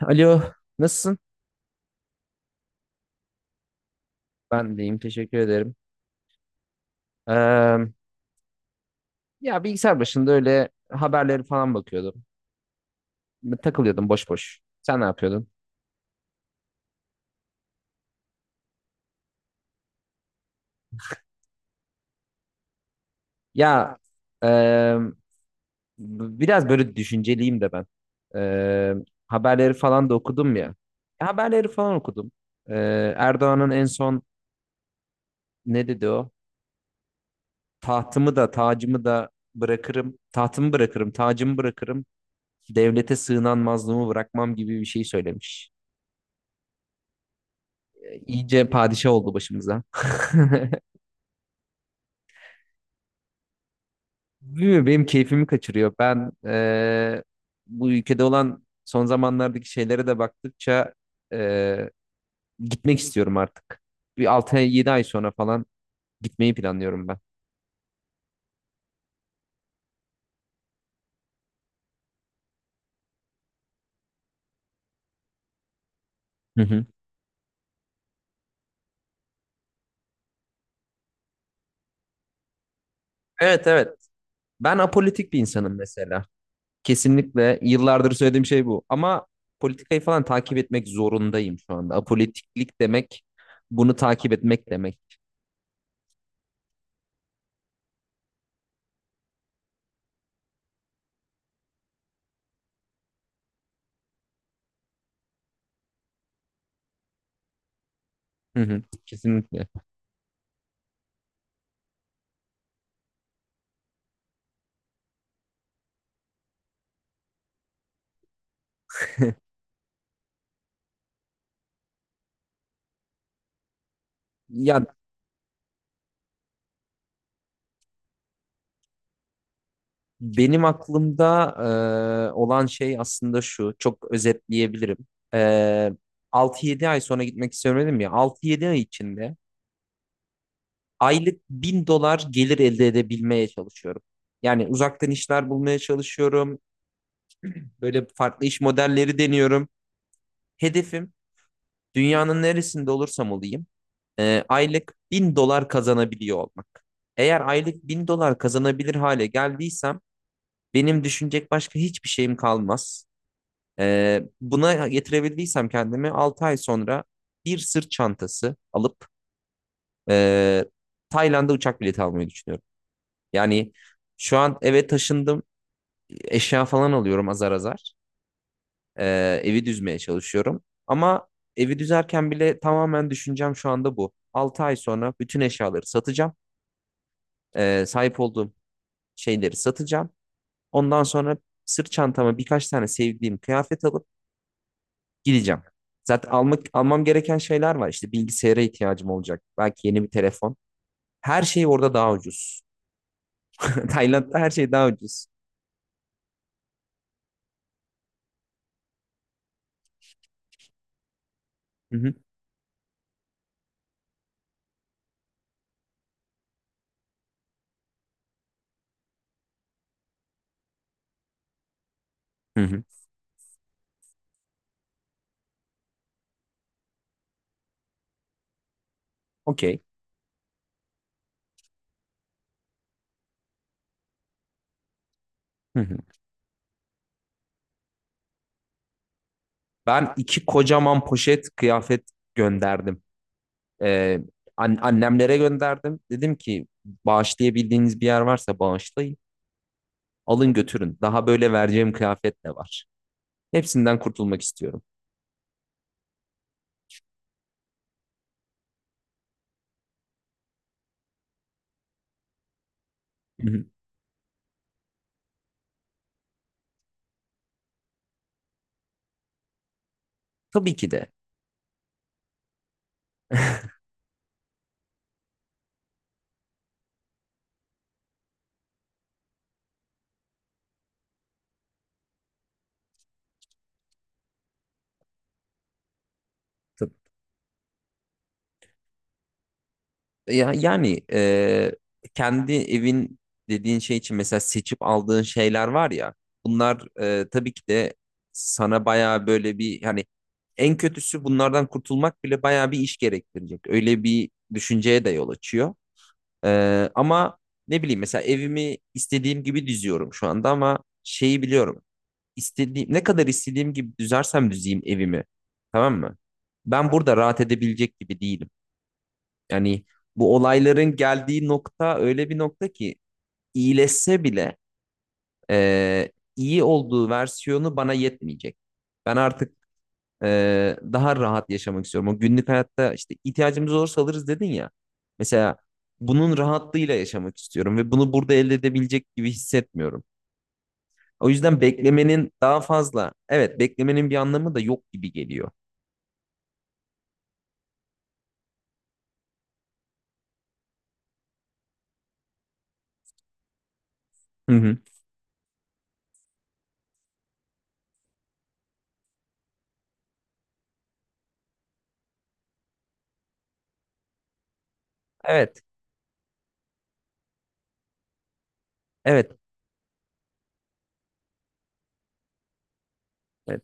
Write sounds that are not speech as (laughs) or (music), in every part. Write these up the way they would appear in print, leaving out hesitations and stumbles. Alo, nasılsın? Ben deyim, teşekkür ederim. Ee, ya bilgisayar başında öyle haberleri falan bakıyordum. Takılıyordum boş boş. Sen ne yapıyordun? Ya e, biraz böyle düşünceliyim de ben. Ee, haberleri falan da okudum ya. Haberleri falan okudum. Erdoğan'ın en son ne dedi o? Tahtımı da tacımı da bırakırım. Tahtımı bırakırım, tacımı bırakırım. Devlete sığınan mazlumu bırakmam gibi bir şey söylemiş. İyice padişah oldu başımıza. (laughs) Bilmiyorum, benim keyfimi kaçırıyor. Ben bu ülkede olan son zamanlardaki şeylere de baktıkça eee, gitmek istiyorum artık. Bir altı ay, 7 ay sonra falan gitmeyi planlıyorum ben. Hı hı. Evet, evet. Ben apolitik bir insanım mesela. Kesinlikle yıllardır söylediğim şey bu. Ama politikayı falan takip etmek zorundayım şu anda. Apolitiklik demek bunu takip etmek demek. Hı hı, kesinlikle. Ya benim aklımda olan şey aslında şu. Çok özetleyebilirim. E, 6-7 ay sonra gitmek istiyorum dedim ya. 6-7 ay içinde aylık 1.000 dolar gelir elde edebilmeye çalışıyorum. Yani uzaktan işler bulmaya çalışıyorum. Böyle farklı iş modelleri deniyorum. Hedefim dünyanın neresinde olursam olayım aylık 1.000 dolar kazanabiliyor olmak. Eğer aylık 1.000 dolar kazanabilir hale geldiysem benim düşünecek başka hiçbir şeyim kalmaz. Buna getirebildiysem kendimi 6 ay sonra bir sırt çantası alıp e, Tayland'a uçak bileti almayı düşünüyorum. Yani şu an eve taşındım. Eşya falan alıyorum azar azar. Evi düzmeye çalışıyorum. Ama evi düzerken bile tamamen düşüncem şu anda bu. 6 ay sonra bütün eşyaları satacağım. Sahip olduğum şeyleri satacağım. Ondan sonra sırt çantama birkaç tane sevdiğim kıyafet alıp gideceğim. Zaten almak almam gereken şeyler var. İşte bilgisayara ihtiyacım olacak. Belki yeni bir telefon. Her şey orada daha ucuz. (laughs) Tayland'da her şey daha ucuz. Hı hı. Hı hı. Okey. Hı hı. Ben iki kocaman poşet kıyafet gönderdim. Ee, annemlere gönderdim. Dedim ki bağışlayabildiğiniz bir yer varsa bağışlayın. Alın götürün. Daha böyle vereceğim kıyafet de var. Hepsinden kurtulmak istiyorum. Hı hı. Tabii ki de. (laughs) Tab- Ya, yani kendi evin dediğin şey için mesela seçip aldığın şeyler var ya. Bunlar tabii ki de sana bayağı böyle bir hani en kötüsü bunlardan kurtulmak bile bayağı bir iş gerektirecek. Öyle bir düşünceye de yol açıyor. Ama ne bileyim mesela evimi istediğim gibi düzüyorum şu anda ama şeyi biliyorum. İstediğim, ne kadar istediğim gibi düzersem düzeyim evimi. Tamam mı? Ben burada rahat edebilecek gibi değilim. Yani bu olayların geldiği nokta öyle bir nokta ki iyileşse bile iyi olduğu versiyonu bana yetmeyecek. Ben artık daha rahat yaşamak istiyorum. O günlük hayatta işte ihtiyacımız olursa alırız dedin ya. Mesela bunun rahatlığıyla yaşamak istiyorum ve bunu burada elde edebilecek gibi hissetmiyorum. O yüzden beklemenin daha fazla, evet beklemenin bir anlamı da yok gibi geliyor. Hı hı. Evet, evet, evet,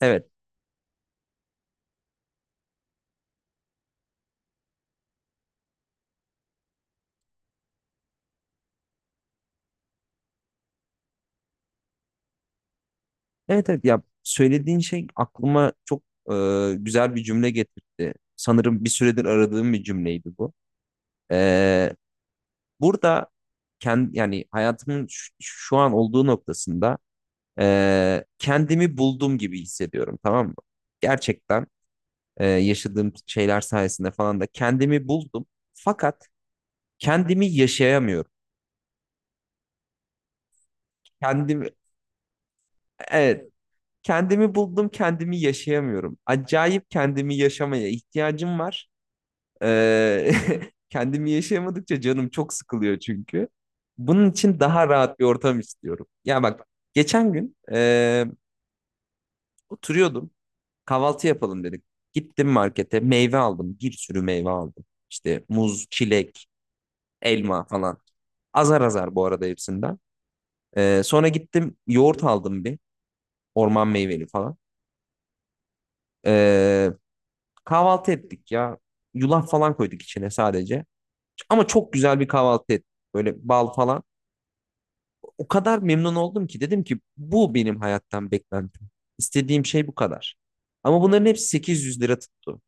evet, evet, evet. Ya söylediğin şey aklıma çok e, güzel bir cümle getirdi. Sanırım bir süredir aradığım bir cümleydi bu. Ee, Burada kendi yani hayatımın şu an olduğu noktasında kendimi buldum gibi hissediyorum, tamam mı? Gerçekten yaşadığım şeyler sayesinde falan da kendimi buldum. Fakat kendimi yaşayamıyorum. Kendimi, evet, kendimi buldum, kendimi yaşayamıyorum. Acayip kendimi yaşamaya ihtiyacım var. E, (laughs) Kendimi yaşayamadıkça canım çok sıkılıyor çünkü. Bunun için daha rahat bir ortam istiyorum. Ya bak geçen gün oturuyordum. Kahvaltı yapalım dedik. Gittim markete meyve aldım. Bir sürü meyve aldım. İşte muz, çilek, elma falan. Azar azar bu arada hepsinden. Sonra gittim yoğurt aldım bir. Orman meyveli falan. Ee, kahvaltı ettik ya. Yulaf falan koyduk içine sadece. Ama çok güzel bir kahvaltı ettik. Böyle bal falan. O kadar memnun oldum ki dedim ki bu benim hayattan beklentim. İstediğim şey bu kadar. Ama bunların hepsi 800 lira tuttu.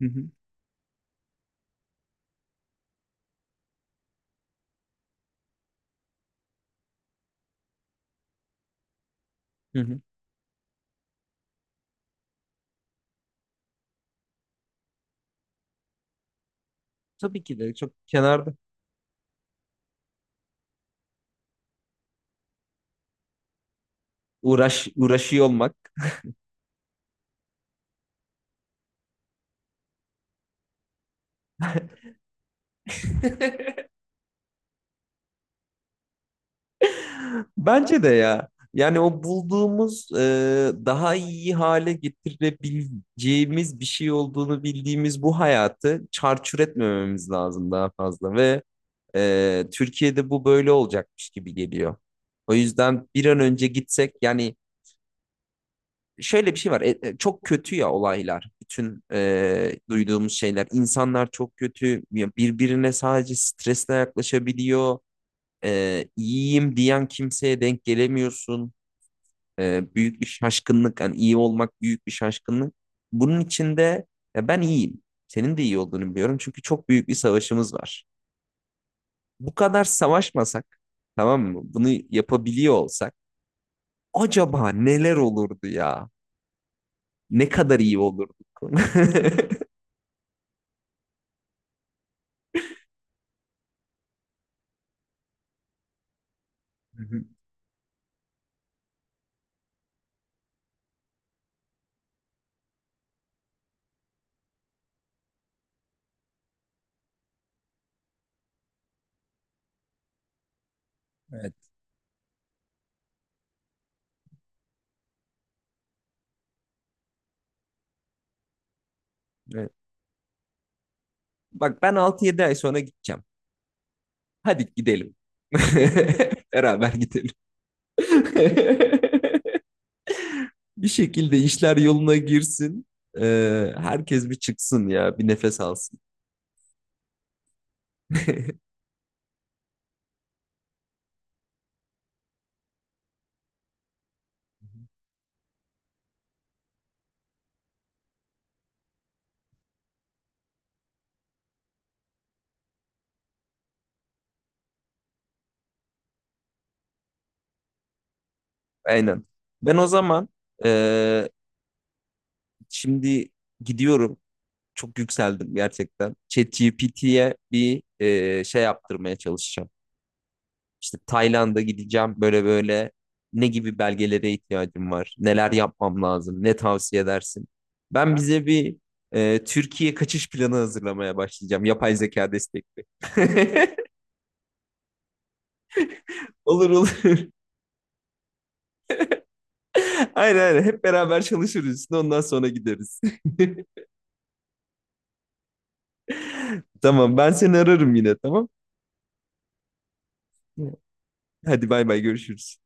Hı hı. Hı hı. Tabii ki de çok kenarda. Uğraş uğraşıyor olmak. (laughs) Bence de ya. Yani o bulduğumuz daha iyi hale getirebileceğimiz bir şey olduğunu bildiğimiz bu hayatı çarçur etmememiz lazım daha fazla ve Türkiye'de bu böyle olacakmış gibi geliyor. O yüzden bir an önce gitsek yani şöyle bir şey var, çok kötü ya olaylar, bütün duyduğumuz şeyler, insanlar çok kötü. Ya birbirine sadece stresle yaklaşabiliyor, iyiyim diyen kimseye denk gelemiyorsun. Büyük bir şaşkınlık. Yani iyi olmak büyük bir şaşkınlık. Bunun içinde ya ben iyiyim. Senin de iyi olduğunu biliyorum. Çünkü çok büyük bir savaşımız var. Bu kadar savaşmasak, tamam mı? Bunu yapabiliyor olsak acaba neler olurdu ya? Ne kadar iyi olurduk. (laughs) Hı hı. Evet. Evet. Bak ben 6-7 ay sonra gideceğim. Hadi gidelim. (laughs) Beraber gidelim. (laughs) Bir şekilde işler yoluna girsin. Herkes bir çıksın ya, bir nefes alsın. (laughs) Aynen. Ben o zaman ee, şimdi gidiyorum. Çok yükseldim gerçekten. ChatGPT'ye bir şey yaptırmaya çalışacağım. İşte Tayland'a gideceğim. Böyle böyle ne gibi belgelere ihtiyacım var? Neler yapmam lazım? Ne tavsiye edersin? Ben bize bir Türkiye kaçış planı hazırlamaya başlayacağım. Yapay zeka destekli. (laughs) Olur olur. (laughs) Aynen aynen. Hep beraber çalışırız üstüne ondan sonra gideriz. (laughs) Tamam ben seni ararım yine tamam. Hadi bay bay görüşürüz.